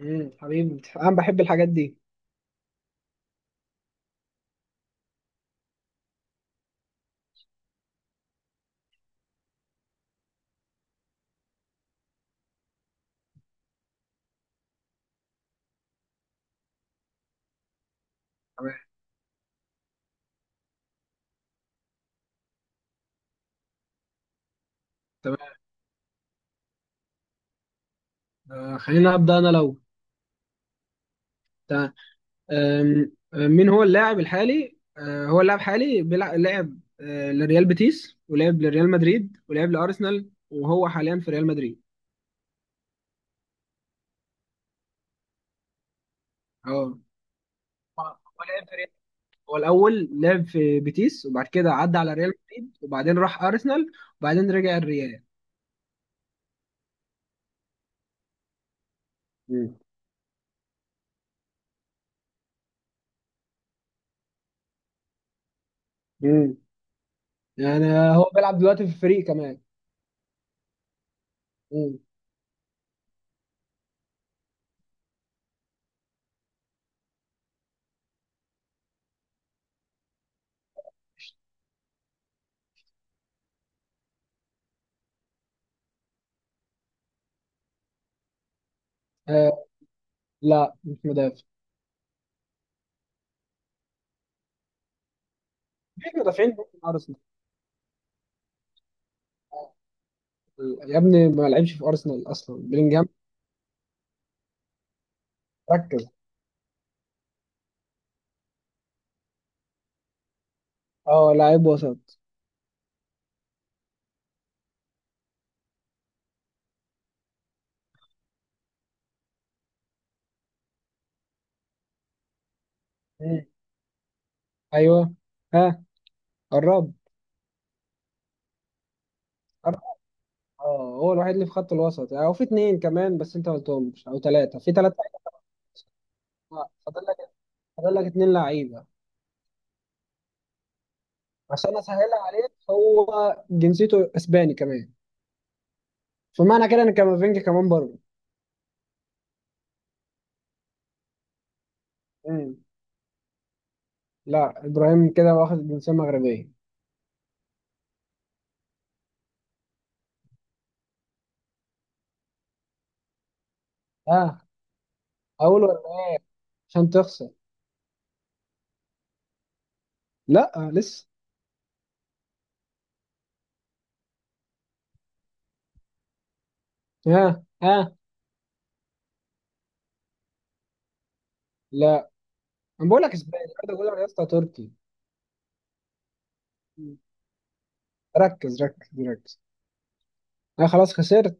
حبيبي، انا بحب الحاجات دي. تمام. تمام. خلينا ابدا انا لو. تمام. آم، آه، مين هو اللاعب الحالي؟ هو اللاعب حالي لعب لريال بيتيس، ولعب لريال مدريد، ولعب لارسنال، وهو حاليا في ريال مدريد. اه، هو لعب في ريال. هو الاول لعب في بيتيس، وبعد كده عدى على ريال مدريد، وبعدين راح ارسنال، وبعدين رجع الريال. مم. مم. يعني هو بيلعب دلوقتي في فريق كمان؟ مم. آه لا، مش مدافع. مفيش مدافعين في ارسنال. يا ابني، ما لعبش في ارسنال اصلا بلينجهام. ركز. اه، لاعب وسط. مم. ايوه. ها. قرب. قرب. اه، هو الوحيد اللي في خط الوسط، يعني هو في اتنين كمان بس انت ما قلتهمش، او ثلاثه في ثلاثه. فاضل لك فاضل لك اتنين لعيبه. عشان اسهلها عليك، هو جنسيته اسباني كمان، فمعنى كده ان كامافينجا كمان بره. مم. لا، ابراهيم كده واخد الجنسيه المغربيه. ها، اقول ولا لا؟ عشان تخسر. لا، لسه. ها ها. لا، انا بقول لك اسباني، انا بقول لك يا اسطى تركي. مم. ركز ركز ركز. انا خلاص خسرت.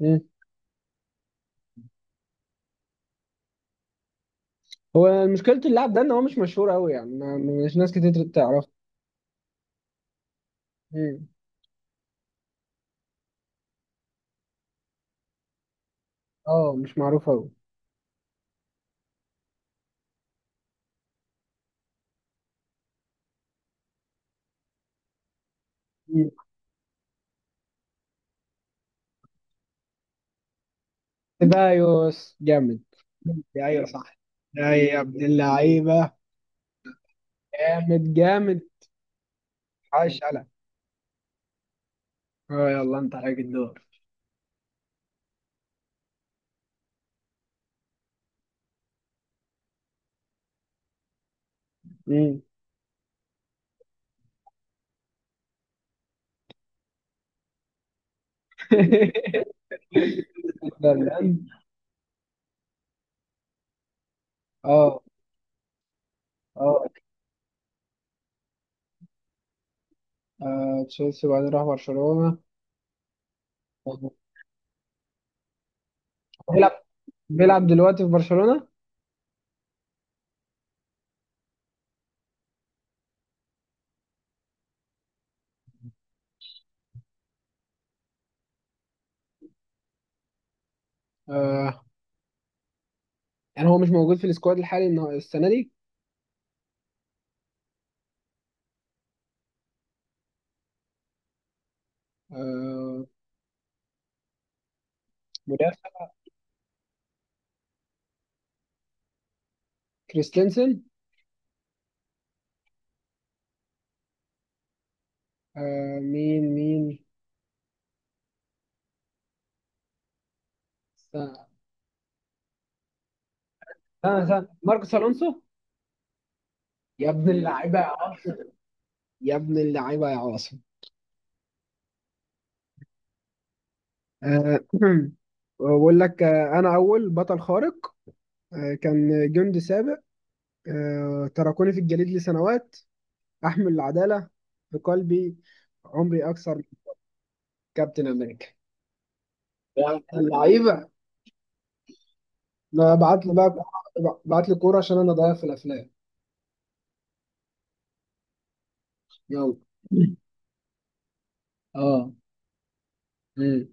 مم. هو مشكلة اللاعب ده ان هو مش مشهور قوي، يعني ما، مش ناس كتير تعرفه. مم. اه، مش معروف قوي. مم. سيبايوس جامد. ايوه صح. يا أيوة يا ابن اللعيبه. جامد جامد. عاش على. اه، يلا انت عليك الدور. مم. فيرلاند. اه اه. تشيلسي وبعدين راح برشلونة. بيلعب بيلعب دلوقتي في برشلونة. آه. يعني هو مش موجود في السكواد الحالي إن هو السنة دي. آه مدافع كريستنسن. مين مين. استنى استنى استنى. ماركوس الونسو. يا ابن اللعيبه يا عاصم. يا ابن اللعيبه يا عاصم. آه بقول لك، انا اول بطل خارق. كان جندي سابق. تركوني في الجليد لسنوات. احمل العداله في قلبي. عمري اكثر من. كابتن امريكا. يا ابن اللعيبه. لا، ابعت لي بقى. ابعت لي كوره عشان انا ضايع في الافلام. يلا. اه. مم.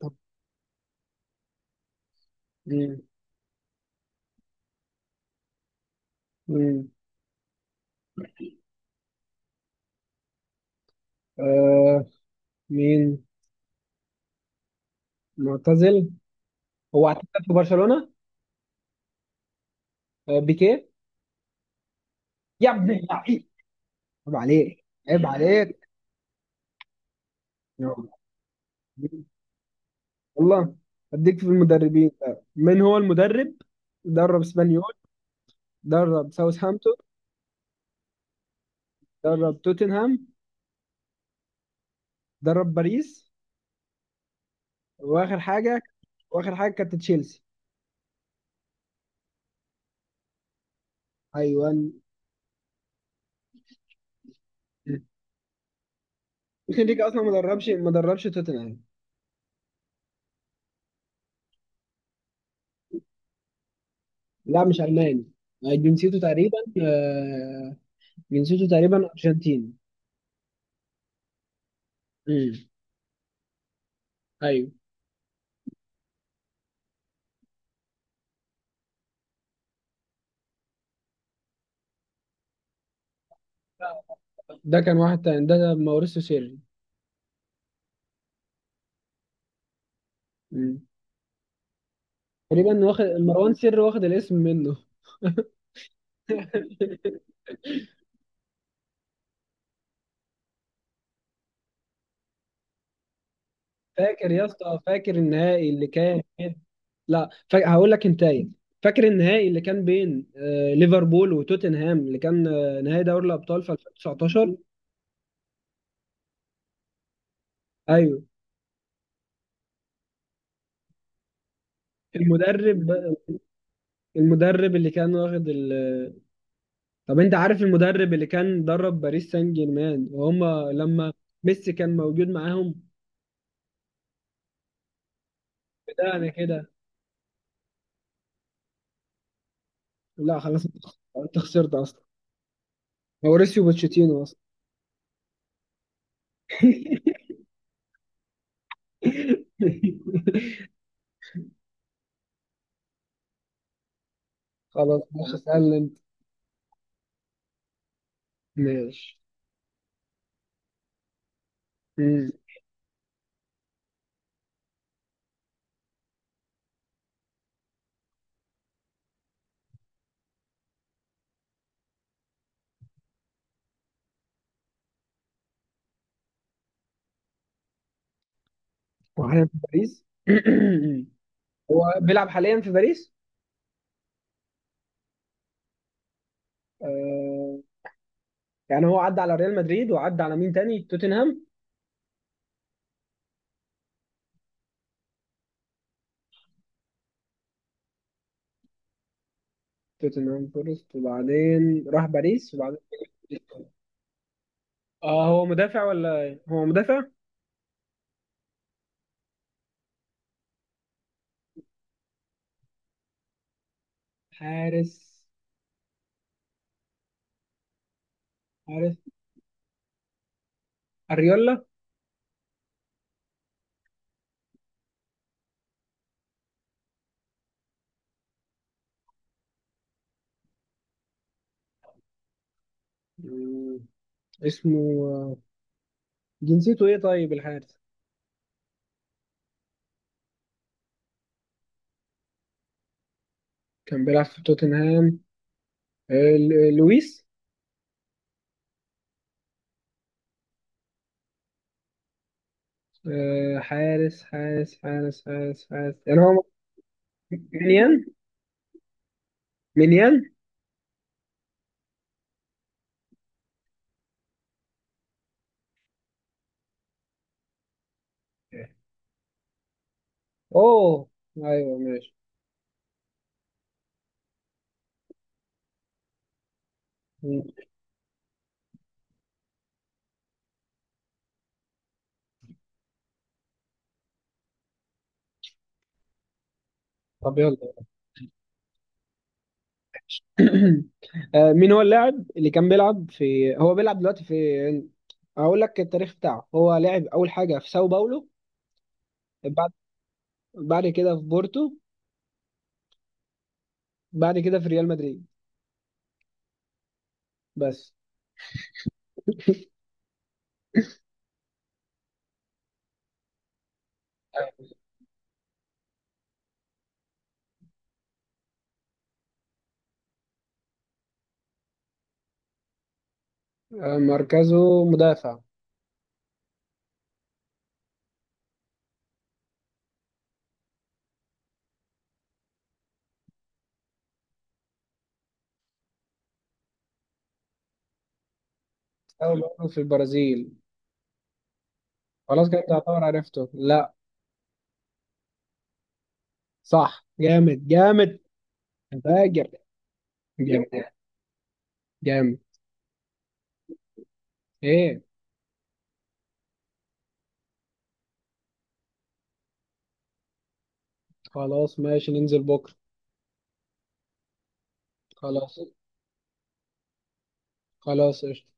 طب. مم. مم. آه مين معتزل. هو اعتزل في برشلونة. بيكيه. يا ابن اللعيب. عيب عليك. عيب عليك. يا رب. والله. اديك في المدربين بقى. من هو المدرب؟ درب اسبانيول، درب ساوثهامبتون، درب توتنهام، درب باريس، واخر حاجة واخر حاجة كانت تشيلسي. ايوه، ممكن ديك اصلا ما دربش توتنهام. لا، مش الماني. آه، جنسيته تقريبا آه، جنسيته تقريبا ارجنتيني. امم ايوه. ده كان واحد تاني، ده موريسيو سيري. مم. تقريبا واخد مروان سري، واخد الاسم منه. فاكر يا اسطى، فاكر النهائي اللي كان بين- لا، هقول لك انتهي. فاكر النهائي اللي كان بين ليفربول وتوتنهام، اللي كان نهائي دوري الابطال في 2019؟ ايوه. المدرب المدرب اللي كان واخد. طب انت عارف المدرب اللي كان درب باريس سان جيرمان وهم لما ميسي كان موجود معاهم؟ بدأنا كده. لا خلاص، انت خسرت اصلا. موريسيو بوتشيتينو. خلاص ماشي، اسألني انت. ماشي. مم. وحاليا في باريس. هو بيلعب حاليا في باريس. آه يعني هو عدى على ريال مدريد، وعدى على مين تاني؟ توتنهام. توتنهام فورست، وبعدين راح باريس، وبعدين اه هو مدافع ولا إيه؟ هو مدافع. حارس. حارس اريولا. مم. اسمه آه، جنسيته ايه طيب الحارس؟ كان بيلعب في توتنهام. لويس. حارس حارس حارس حارس حارس، يعني هو مليان. مليان. اوه. ايوه ماشي. مم. طب يلا. مين هو اللاعب اللي كان بيلعب في هو بيلعب دلوقتي في؟ اقول لك التاريخ بتاعه. هو لعب اول حاجه في ساو باولو، بعد بعد كده في بورتو، بعد كده في ريال مدريد. بس. مركزه مدافع. ساو باولو في البرازيل. خلاص كده تعتبر عرفته؟ لا. صح. جامد جامد. فاجر. جامد جامد. ايه خلاص ماشي، ننزل بكره. خلاص. خلاص قشطة.